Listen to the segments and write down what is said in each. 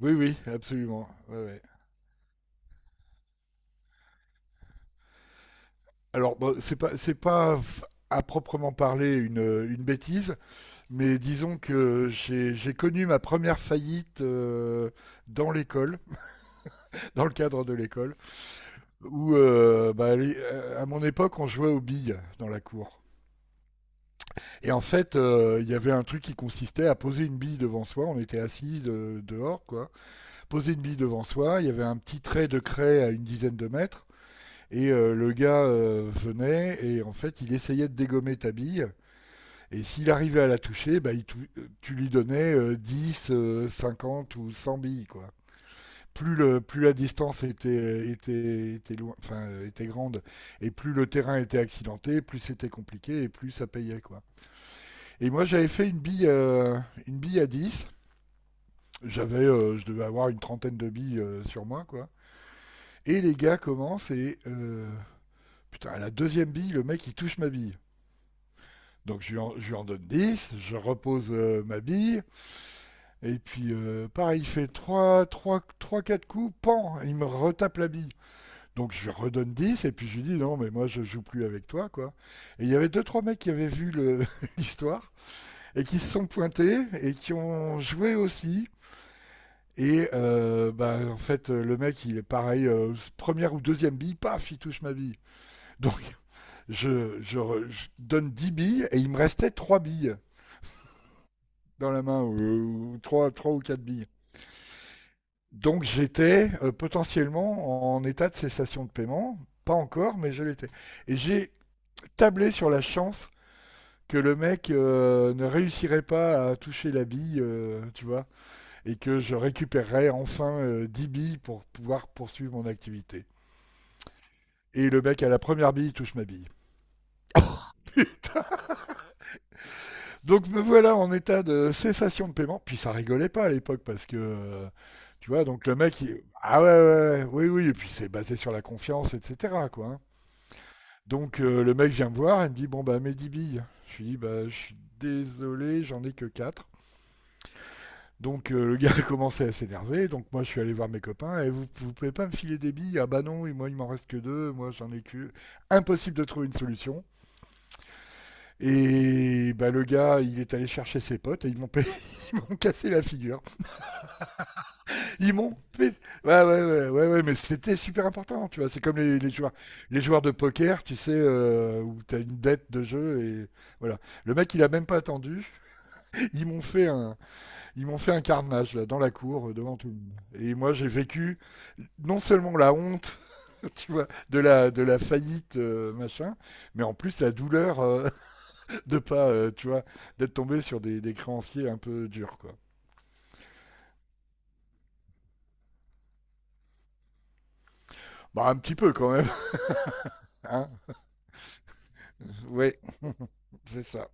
Oui, oui, absolument. Ouais, ouais. Alors, bon, c'est pas f- à proprement parler une bêtise, mais disons que j'ai connu ma première faillite dans l'école, dans le cadre de l'école, où bah, à mon époque on jouait aux billes dans la cour. Et en fait, il y avait un truc qui consistait à poser une bille devant soi, on était assis dehors, quoi. Poser une bille devant soi, il y avait un petit trait de craie à une dizaine de mètres. Et le gars venait et en fait, il essayait de dégommer ta bille. Et s'il arrivait à la toucher, bah, tu lui donnais 10, 50 ou 100 billes, quoi. Plus la distance était loin, enfin, était grande et plus le terrain était accidenté, plus c'était compliqué et plus ça payait, quoi. Et moi, j'avais fait une bille à 10. Je devais avoir une trentaine de billes sur moi, quoi. Et les gars commencent putain, à la deuxième bille, le mec, il touche ma bille. Donc je lui en donne 10, je repose ma bille, et puis pareil, il fait 3 3, 3, 4 coups, pan, il me retape la bille. Donc je lui redonne 10 et puis je lui dis non, mais moi je joue plus avec toi, quoi. Et il y avait deux trois mecs qui avaient vu l'histoire, et qui se sont pointés, et qui ont joué aussi. Et en fait, le mec, il est pareil, première ou deuxième bille, paf, il touche ma bille. Donc je, je je donne 10 billes, et il me restait 3 billes dans la main, ou trois ou quatre billes. Donc j'étais potentiellement en état de cessation de paiement, pas encore, mais je l'étais. Et j'ai tablé sur la chance que le mec ne réussirait pas à toucher la bille, tu vois, et que je récupérerais enfin 10 billes pour pouvoir poursuivre mon activité. Et le mec à la première bille touche ma bille. Donc me voilà en état de cessation de paiement. Puis ça rigolait pas à l'époque parce que, tu vois, donc ah ouais, ouais, ouais, oui, oui, et puis c'est basé sur la confiance, etc., quoi, hein. Donc le mec vient me voir et me dit, bon, bah, mes 10 billes. Je lui dis, bah, je suis désolé, j'en ai que 4. Donc le gars a commencé à s'énerver, donc moi je suis allé voir mes copains, et vous, vous pouvez pas me filer des billes. Ah bah non, et moi il m'en reste que deux, moi j'en ai que... Impossible de trouver une solution. Et bah le gars, il est allé chercher ses potes, et ils m'ont cassé la figure. Ouais, ouais, ouais, ouais, ouais, mais c'était super important, tu vois. C'est comme les joueurs de poker, tu sais, où t'as une dette de jeu et voilà. Le mec, il a même pas attendu. Ils m'ont fait un, ils m'ont fait un carnage là dans la cour devant tout le monde. Et moi, j'ai vécu non seulement la honte, tu vois, de la faillite machin, mais en plus la douleur de pas, tu vois, d'être tombé sur des créanciers un peu durs, quoi. Bah, un petit peu quand même, hein. Ouais, c'est ça.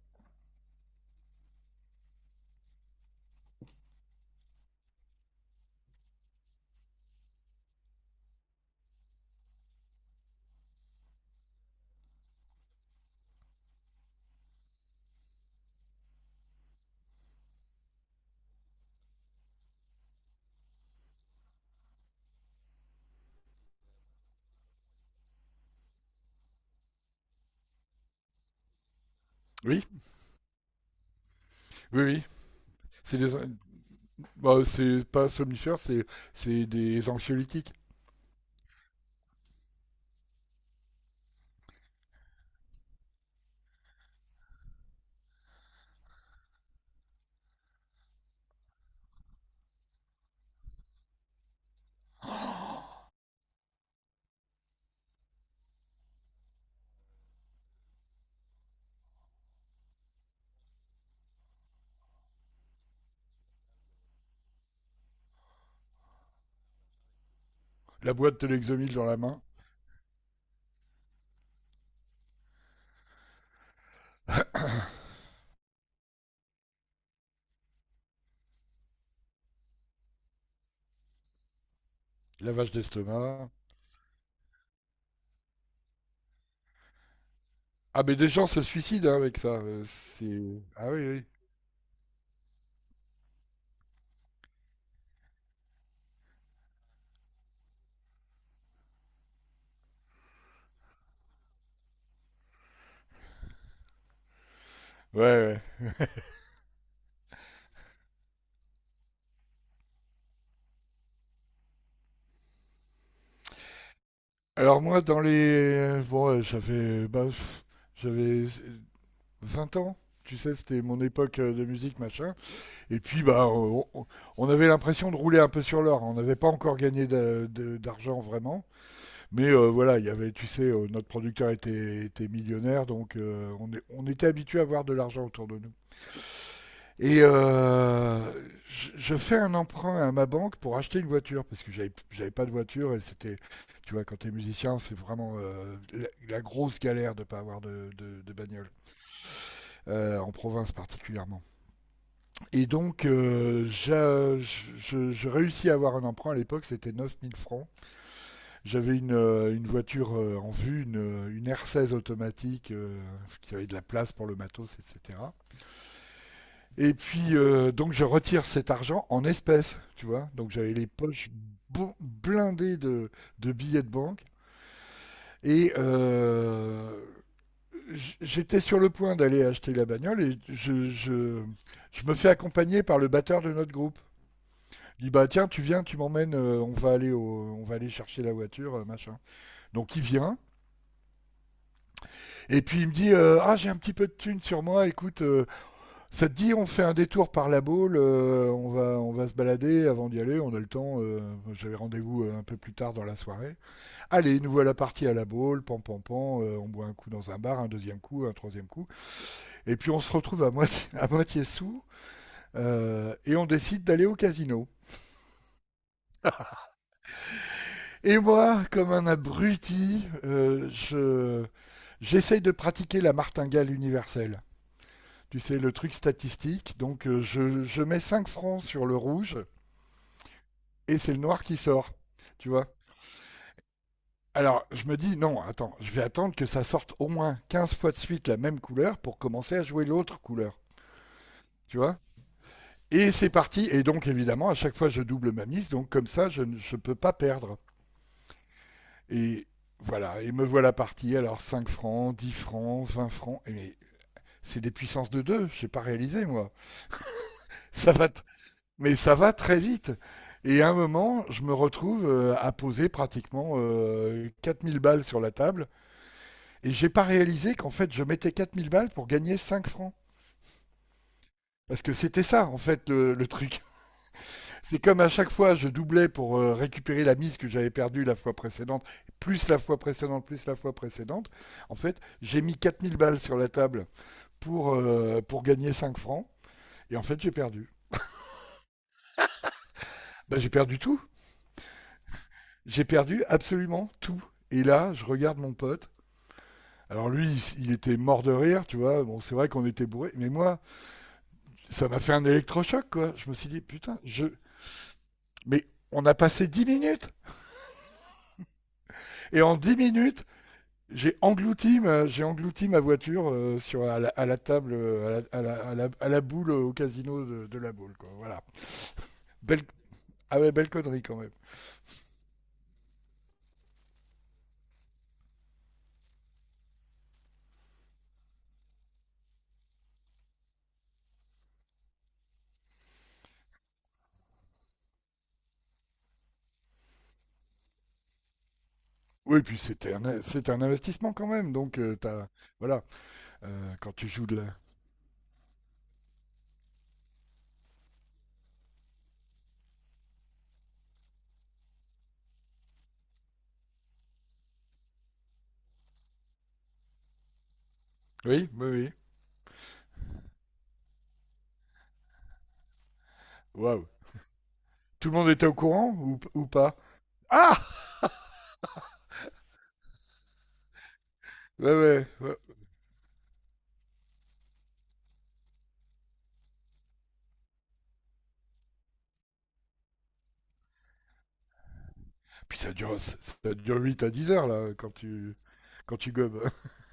Oui, oui, oui. C'est des. Bah, c'est pas somnifère, c'est des anxiolytiques. Oh, la boîte de l'exomil dans la main, lavage d'estomac. Ah, mais des gens se suicident hein, avec ça. C'est. Ah oui, oui. Ouais, ouais. Alors, moi, dans les. Bon, j'avais 20 ans. Tu sais, c'était mon époque de musique, machin. Et puis, bah, on avait l'impression de rouler un peu sur l'or. On n'avait pas encore gagné d'argent vraiment. Mais voilà, il y avait, tu sais, notre producteur était millionnaire, donc on était habitué à avoir de l'argent autour de nous. Et je fais un emprunt à ma banque pour acheter une voiture, parce que j'avais pas de voiture et c'était, tu vois, quand t'es musicien, c'est vraiment la grosse galère de pas avoir de bagnole, en province particulièrement. Et donc, je réussis à avoir un emprunt à l'époque, c'était 9 000 francs. J'avais une voiture en vue, une R16 automatique qui avait de la place pour le matos, etc. Et puis, donc, je retire cet argent en espèces, tu vois. Donc, j'avais les poches blindées de billets de banque. Et j'étais sur le point d'aller acheter la bagnole et je me fais accompagner par le batteur de notre groupe. Il dit, bah tiens, tu viens, tu m'emmènes, on va aller chercher la voiture, machin. Donc il vient, et puis il me dit ah, j'ai un petit peu de thune sur moi, écoute, ça te dit, on fait un détour par la boule, on va se balader avant d'y aller, on a le temps, j'avais rendez-vous un peu plus tard dans la soirée. Allez, nous voilà partis à la boule, pam pam pam, on boit un coup dans un bar, un deuxième coup, un troisième coup, et puis on se retrouve à moitié sous, et on décide d'aller au casino. Et moi, comme un abruti, j'essaye de pratiquer la martingale universelle. Tu sais, le truc statistique. Donc, je mets 5 francs sur le rouge et c'est le noir qui sort. Tu vois. Alors, je me dis, non, attends, je vais attendre que ça sorte au moins 15 fois de suite la même couleur pour commencer à jouer l'autre couleur. Tu vois. Et c'est parti. Et donc, évidemment, à chaque fois, je double ma mise. Donc, comme ça, je ne je peux pas perdre. Et voilà. Et me voilà parti. Alors, 5 francs, 10 francs, 20 francs. Et mais c'est des puissances de 2. Je n'ai pas réalisé, moi. Ça va, mais ça va très vite. Et à un moment, je me retrouve à poser pratiquement 4 000 balles sur la table. Et j'ai pas réalisé qu'en fait, je mettais 4000 balles pour gagner 5 francs. Parce que c'était ça, en fait, le truc. C'est comme à chaque fois, je doublais pour récupérer la mise que j'avais perdue la fois précédente, plus la fois précédente, plus la fois précédente. En fait, j'ai mis 4 000 balles sur la table pour gagner 5 francs. Et en fait, j'ai perdu. Bah, j'ai perdu tout. J'ai perdu absolument tout. Et là, je regarde mon pote. Alors lui, il était mort de rire, tu vois. Bon, c'est vrai qu'on était bourré, mais moi, ça m'a fait un électrochoc, quoi. Je me suis dit, putain, je. Mais on a passé 10 minutes et en 10 minutes, j'ai englouti ma voiture à la table, à la, à la- à la- à la boule au casino de la boule, quoi. Voilà. Belle, ah ouais, belle connerie quand même. Oui, puis c'était un investissement quand même, donc t'as, voilà, quand tu joues de la. Oui, oui, oui. Waouh. Tout le monde était au courant ou pas? Ah! Ouais, ouais, ouais. Puis ça dure 8 à 10 heures, là, quand tu gobes.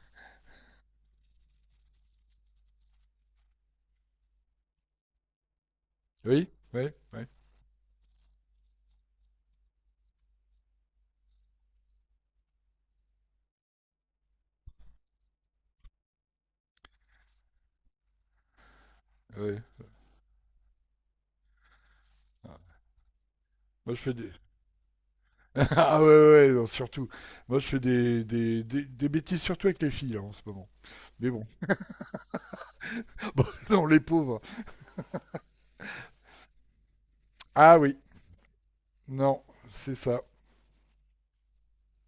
Oui, oui, oui, oui. Ah. Moi, je fais des. Ah ouais, ouais, ouais, non, surtout. Moi, je fais des bêtises, surtout avec les filles, là, en ce moment. Mais bon. Bon, non, les pauvres. Ah oui, non, c'est ça.